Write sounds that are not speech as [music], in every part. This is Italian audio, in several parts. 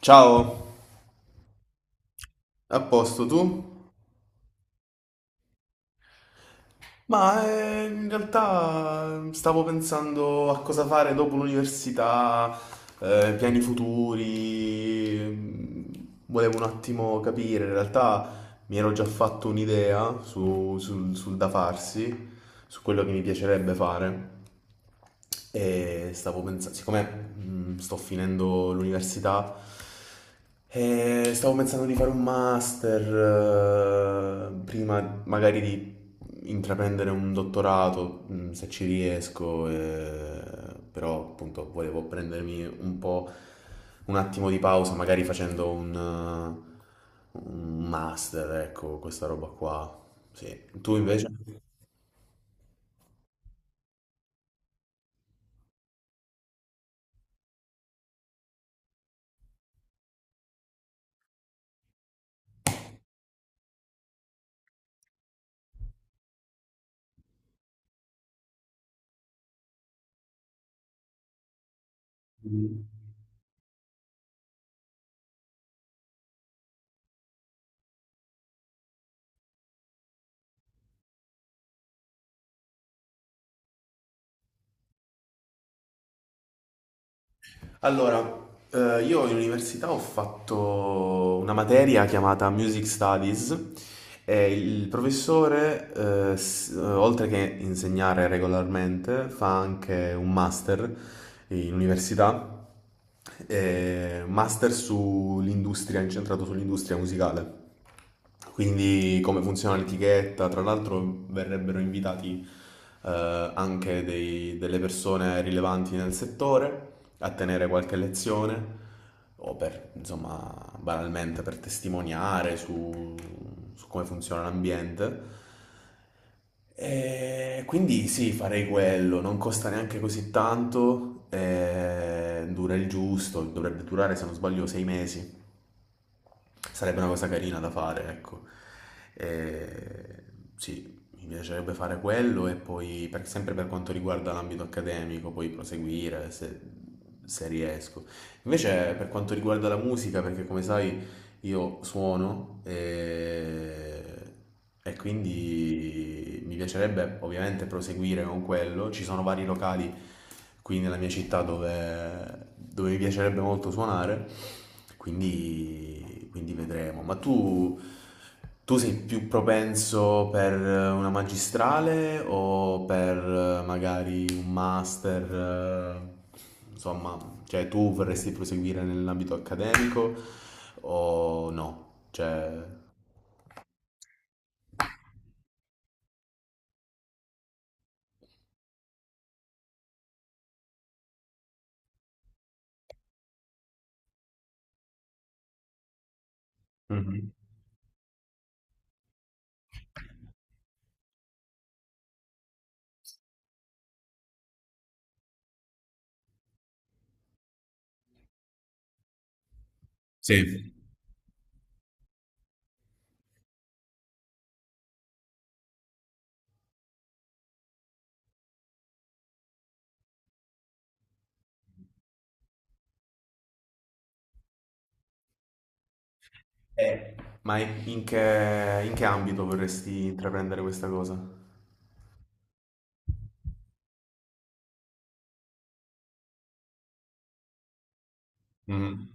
Ciao, a posto tu? Ma in realtà stavo pensando a cosa fare dopo l'università, piani futuri. Volevo un attimo capire, in realtà mi ero già fatto un'idea sul da farsi, su quello che mi piacerebbe fare. E stavo pensando, siccome sto finendo l'università, stavo pensando di fare un master, prima magari di intraprendere un dottorato, se ci riesco, però appunto volevo prendermi un po' un attimo di pausa, magari facendo un master, ecco, questa roba qua. Sì. Tu invece? Allora, io in università ho fatto una materia chiamata Music Studies e il professore, oltre che insegnare regolarmente, fa anche un master in università, master sull'industria, incentrato sull'industria musicale. Quindi come funziona l'etichetta, tra l'altro verrebbero invitati anche delle persone rilevanti nel settore a tenere qualche lezione o per, insomma, banalmente per testimoniare su come funziona l'ambiente. E quindi sì, farei quello, non costa neanche così tanto, e dura il giusto, dovrebbe durare se non sbaglio sei mesi. Sarebbe una cosa carina da fare, ecco. E, sì, mi piacerebbe fare quello e poi, sempre per quanto riguarda l'ambito accademico, poi proseguire se riesco. Invece, per quanto riguarda la musica, perché come sai, io suono e quindi mi piacerebbe ovviamente proseguire con quello. Ci sono vari locali qui nella mia città dove mi piacerebbe molto suonare, quindi vedremo. Tu sei più propenso per una magistrale o per magari un master? eh, Insomma, cioè, tu vorresti proseguire nell'ambito accademico o no? Cioè, mhm. Sì. Eh. Ma in che ambito vorresti intraprendere questa cosa? Mhm.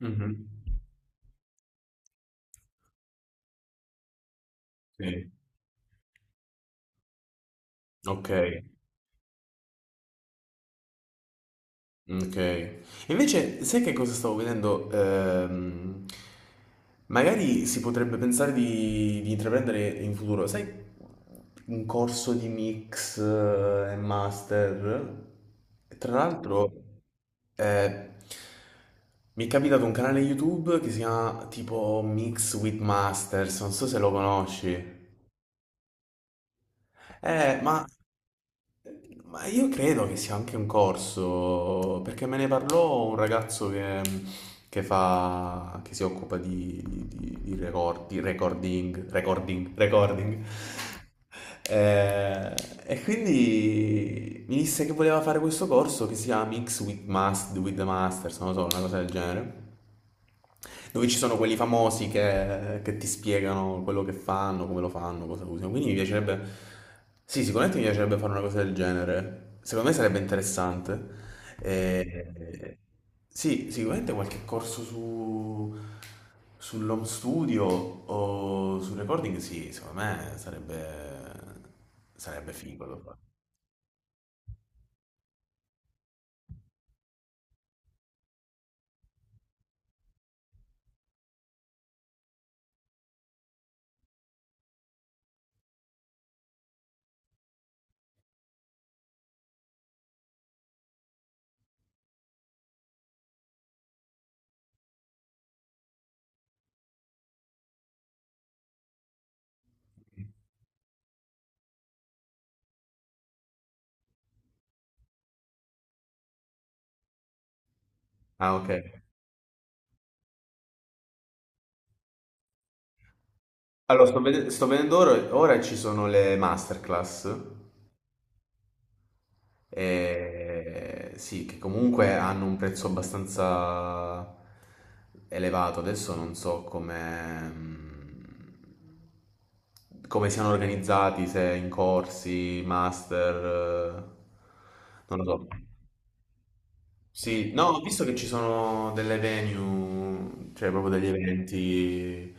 Mhm. Sì. Ok. Okay. Invece sai che cosa stavo vedendo? Magari si potrebbe pensare di intraprendere in futuro, sai, un corso di mix e master. Tra l'altro, eh, mi è capitato un canale YouTube che si chiama tipo Mix with Masters, non so se lo conosci. Eh, ma ma io credo che sia anche un corso, perché me ne parlò un ragazzo che fa, che si occupa di recording. Eh, e quindi mi disse che voleva fare questo corso che si chiama with the Masters, non lo so, una cosa del genere. Dove ci sono quelli famosi che ti spiegano quello che fanno, come lo fanno, cosa usano. Quindi mi piacerebbe. Sì, sicuramente mi piacerebbe fare una cosa del genere. Secondo me sarebbe interessante. Eh, sì, sicuramente qualche corso sull'home studio o sul recording, sì, secondo me sarebbe figo da fare. Ah, ok. Allora, sto vedendo ora ci sono le masterclass. E sì, che comunque hanno un prezzo abbastanza elevato. Adesso non so come, come siano organizzati, se in corsi, master, non lo so. Sì, no, ho visto che ci sono delle venue, cioè proprio degli eventi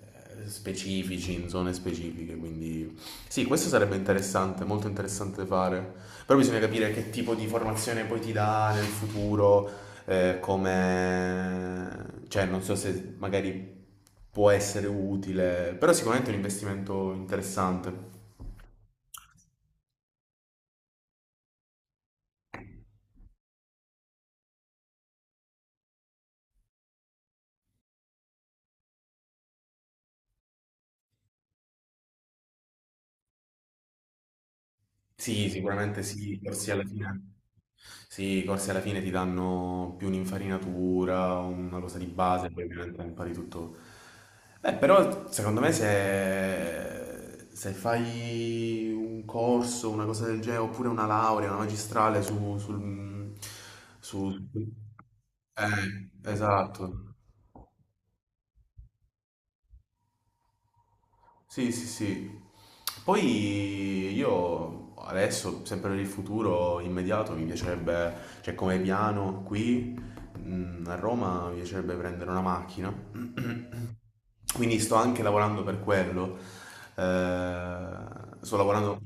specifici, in zone specifiche, quindi sì, questo sarebbe interessante, molto interessante fare, però bisogna capire che tipo di formazione poi ti dà nel futuro, cioè non so se magari può essere utile, però sicuramente è un investimento interessante. Sì, sicuramente sì, i corsi alla fine. Sì, i corsi alla fine ti danno più un'infarinatura, una cosa di base, poi ovviamente impari tutto. Beh, però secondo me se fai un corso, una cosa del genere, oppure una laurea, una magistrale su, esatto. Sì, sì, sì. Poi io adesso, sempre nel futuro immediato, mi piacerebbe, cioè come piano qui a Roma, mi piacerebbe prendere una macchina. [clears throat] Quindi sto anche lavorando per quello. Sto lavorando.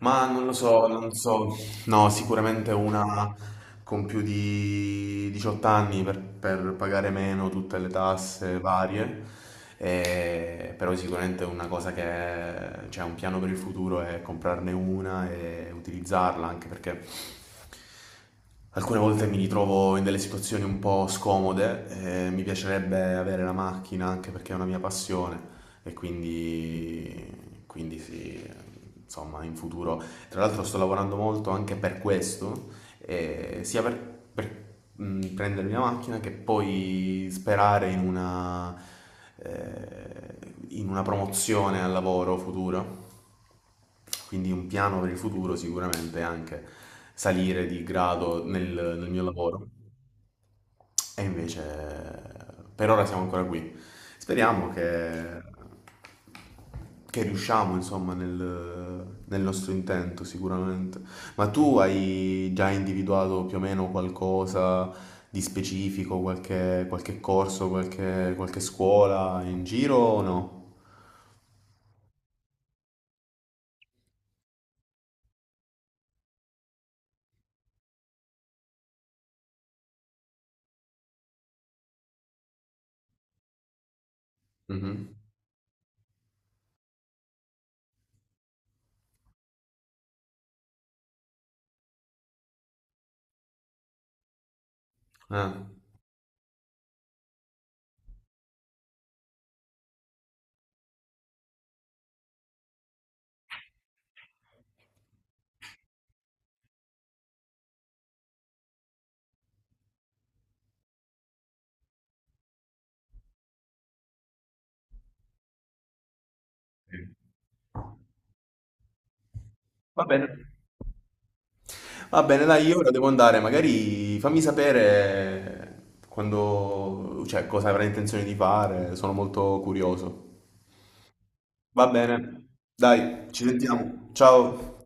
Ma non lo so, non so. No, sicuramente una con più di 18 anni per pagare meno tutte le tasse varie. Però sicuramente una cosa che c'è un piano per il futuro è comprarne una e utilizzarla, anche perché alcune volte mi ritrovo in delle situazioni un po' scomode, mi piacerebbe avere la macchina anche perché è una mia passione, e quindi sì, insomma, in futuro. Tra l'altro sto lavorando molto anche per questo, eh, sia per, per, prendermi la macchina che poi sperare in eh, in una promozione al lavoro futuro. Quindi un piano per il futuro sicuramente è anche salire di grado nel mio lavoro. E invece per ora siamo ancora qui. Speriamo che riusciamo, insomma, nel nostro intento sicuramente. Ma tu hai già individuato più o meno qualcosa di specifico, qualche corso, qualche scuola in giro o no? Mhm. Ah, ok. Va bene. Va bene, dai, io ora devo andare, magari fammi sapere quando, cioè, cosa avrai intenzione di fare, sono molto curioso. Va bene, dai, ci sentiamo. Ciao.